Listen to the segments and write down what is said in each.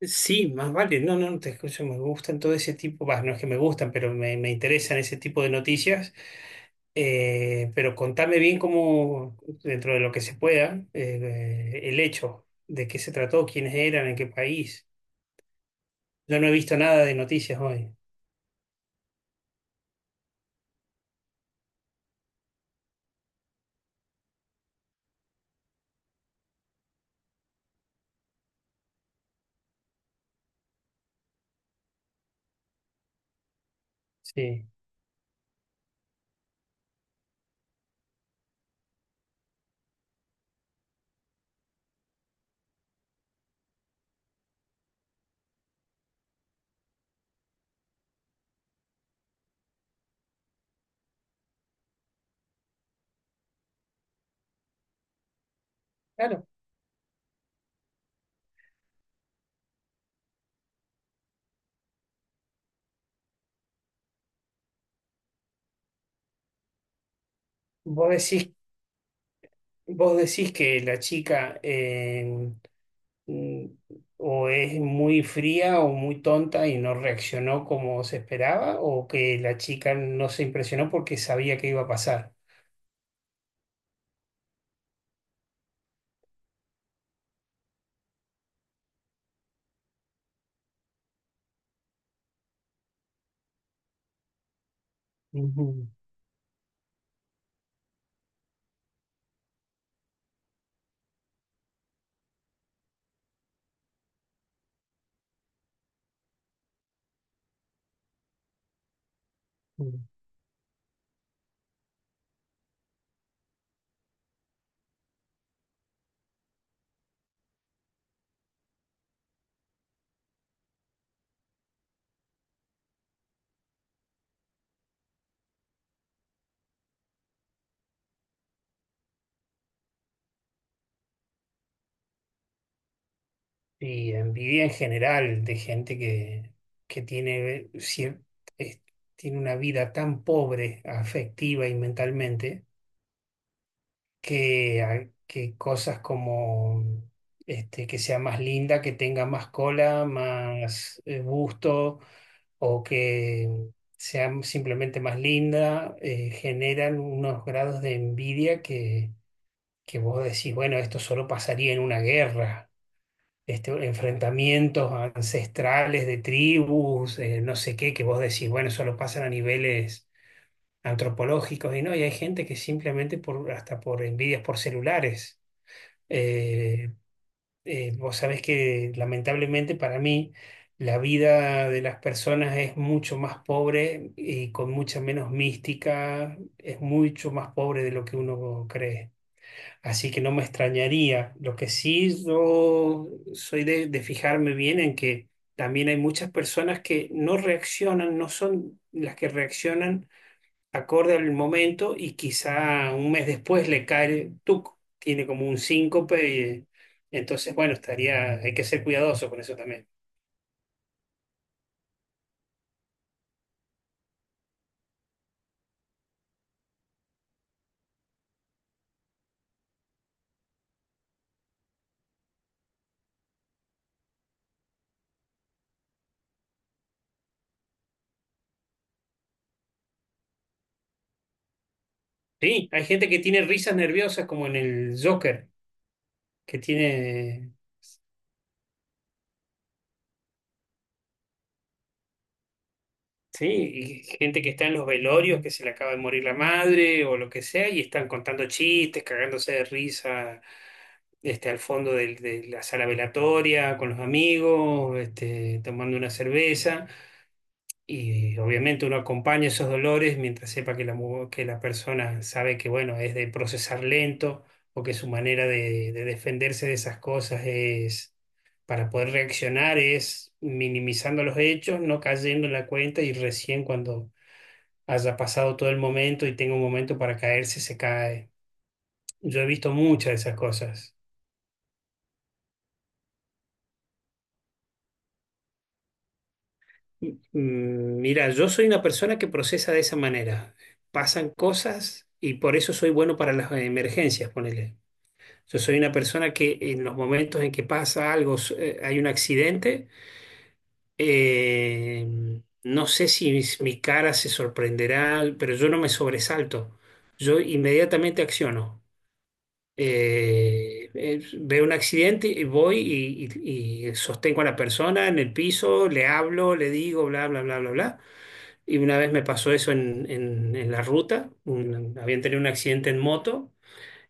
Sí, más vale, no, no, no te escucho, me gustan todo ese tipo, bah, no es que me gustan, pero me interesan ese tipo de noticias. Pero contame bien cómo, dentro de lo que se pueda, el hecho, de qué se trató, quiénes eran, en qué país. Yo no he visto nada de noticias hoy. Sí, claro. Vos decís, vos decís que la chica, mm, o es muy fría o muy tonta y no reaccionó como se esperaba, o que la chica no se impresionó porque sabía que iba a pasar. Ujú, ujú. Y envidia en general de gente que tiene, es- tiene una vida tan pobre afectiva y mentalmente, que cosas como que sea más linda, que tenga más cola, más busto, o que sea simplemente más linda, generan unos grados de envidia que vos decís, bueno, esto solo pasaría en una guerra. Enfrentamientos ancestrales de tribus, no sé qué, que vos decís, bueno, solo pasan a niveles antropológicos. Y no, y hay gente que simplemente por, hasta por envidias por celulares eh, vos sabés que lamentablemente, para mí, la vida de las personas es mucho más pobre y con mucha menos mística, es mucho más pobre de lo que uno cree. Así que no me extrañaría. Lo que sí, yo soy de fijarme bien en que también hay muchas personas que no reaccionan, no son las que reaccionan acorde al momento, y quizá un mes después le cae, el tuco, tiene como un síncope y, entonces, bueno, estaría, hay que ser cuidadoso con eso también. Sí, hay gente que tiene risas nerviosas, como en el Joker, que tiene, sí. Y gente que está en los velorios, que se le acaba de morir la madre o lo que sea, y están contando chistes, cagándose de risa. Al fondo de la sala velatoria, con los amigos, tomando una cerveza. Y obviamente uno acompaña esos dolores mientras sepa que que la persona sabe que, bueno, es de procesar lento, o que su manera de defenderse de esas cosas es, para poder reaccionar, es minimizando los hechos, no cayendo en la cuenta, y recién cuando haya pasado todo el momento y tenga un momento para caerse, se cae. Yo he visto muchas de esas cosas. Mira, yo soy una persona que procesa de esa manera. Pasan cosas, y por eso soy bueno para las emergencias, ponele. Yo soy una persona que en los momentos en que pasa algo, hay un accidente, eh, no sé si mi cara se sorprenderá, pero yo no me sobresalto. Yo inmediatamente acciono. Veo un accidente y voy y, y sostengo a la persona en el piso, le hablo, le digo, bla, bla, bla, bla, bla. Y una vez me pasó eso en, en la ruta. Habían tenido un accidente en moto,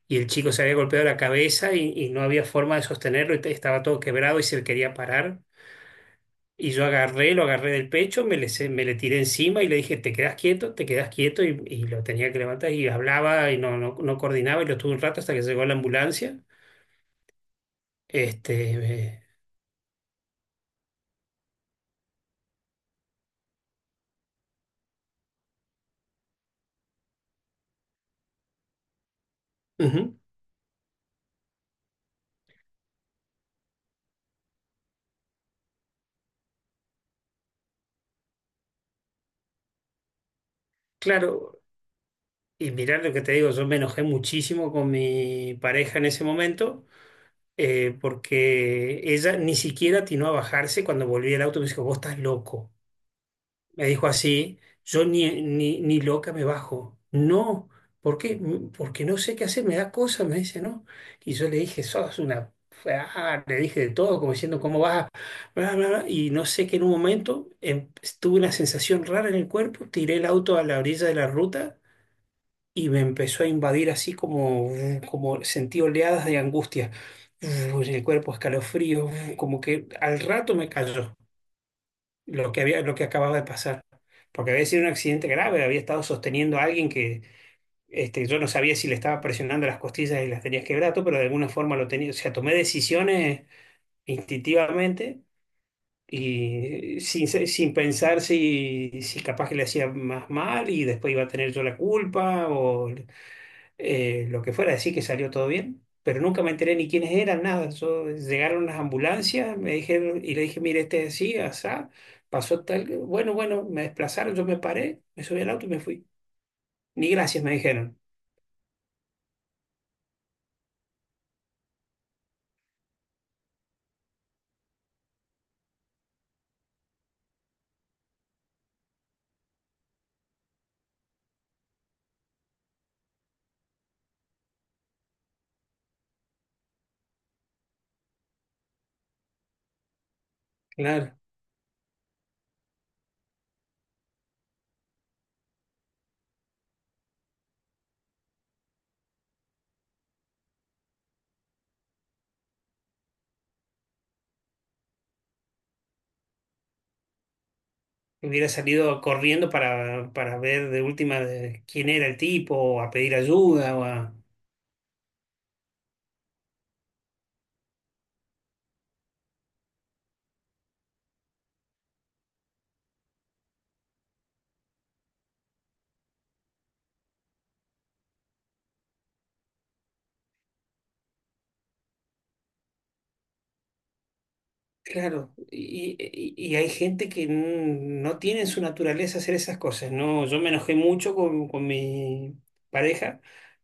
y el chico se había golpeado la cabeza y, no había forma de sostenerlo, y estaba todo quebrado y se quería parar. Y yo agarré, lo agarré del pecho, me le tiré encima y le dije: te quedas quieto, te quedas quieto. Y, lo tenía que levantar, y hablaba y no coordinaba, y lo tuve un rato hasta que llegó la ambulancia. Este, eh, ujú. Claro, y mirá lo que te digo, yo me enojé muchísimo con mi pareja en ese momento, porque ella ni siquiera atinó a bajarse cuando volví al auto, y me dijo: vos estás loco. Me dijo así: yo ni loca me bajo. No. ¿Por qué? Porque no sé qué hacer, me da cosa", me dice. ¿No? Y yo le dije, sos una... ah. Le dije de todo, como diciendo, ¿cómo vas? Bla, bla, bla. Y no sé, que en un momento tuve una sensación rara en el cuerpo, tiré el auto a la orilla de la ruta, y me empezó a invadir así como sentí oleadas de angustia. En el cuerpo, escalofrío, como que al rato me cayó lo que había, lo que acababa de pasar, porque había sido un accidente grave, había estado sosteniendo a alguien que, yo no sabía si le estaba presionando las costillas y las tenía quebrado, pero de alguna forma lo tenía. O sea, tomé decisiones instintivamente, y sin pensar si capaz que le hacía más mal y después iba a tener yo la culpa, o lo que fuera. Decir, que salió todo bien, pero nunca me enteré ni quiénes eran, nada. Llegaron las ambulancias, me dijeron, y le dije: mire, este es así, asá, pasó tal. Bueno, bueno, me desplazaron, yo me paré, me subí al auto y me fui. Ni gracias me dijeron. Claro, hubiera salido corriendo para, ver de última de quién era el tipo, o a pedir ayuda. Claro, y, y hay gente que no tiene en su naturaleza hacer esas cosas. No, yo me enojé mucho con mi pareja,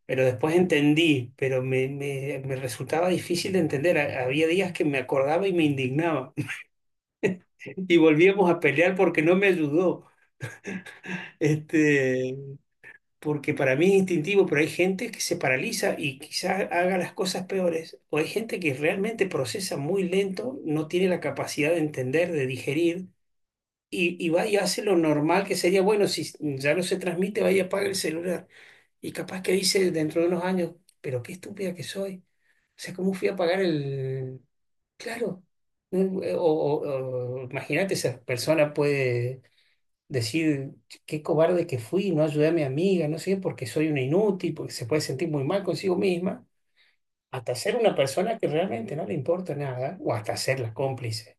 pero después entendí, pero me resultaba difícil de entender. Había días que me acordaba y me indignaba. Y volvíamos a pelear porque no me ayudó. Este, porque para mí es instintivo, pero hay gente que se paraliza y quizás haga las cosas peores. O hay gente que realmente procesa muy lento, no tiene la capacidad de entender, de digerir, y va y hace lo normal, que sería, bueno, si ya no se transmite, vaya y apaga el celular. Y capaz que dice, dentro de unos años, pero qué estúpida que soy. O sea, ¿cómo fui a apagar el...? Claro. No, o imagínate, esa persona puede decir, qué cobarde que fui, no ayudé a mi amiga, no sé, porque soy una inútil, porque se puede sentir muy mal consigo misma, hasta ser una persona que realmente no le importa nada, o hasta ser la cómplice.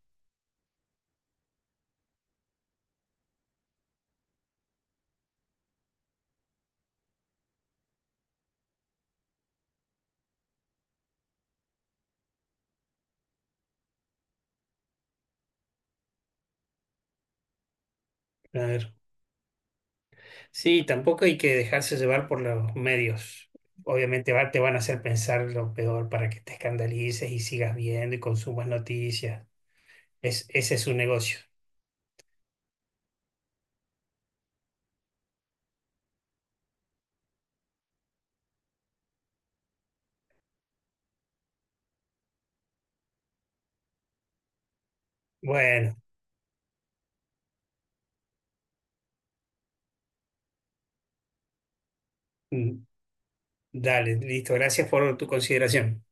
Sí, tampoco hay que dejarse llevar por los medios. Obviamente te van a hacer pensar lo peor para que te escandalices y sigas viendo y consumas noticias. Ese es su negocio. Bueno, mm, dale, listo. Gracias por tu consideración.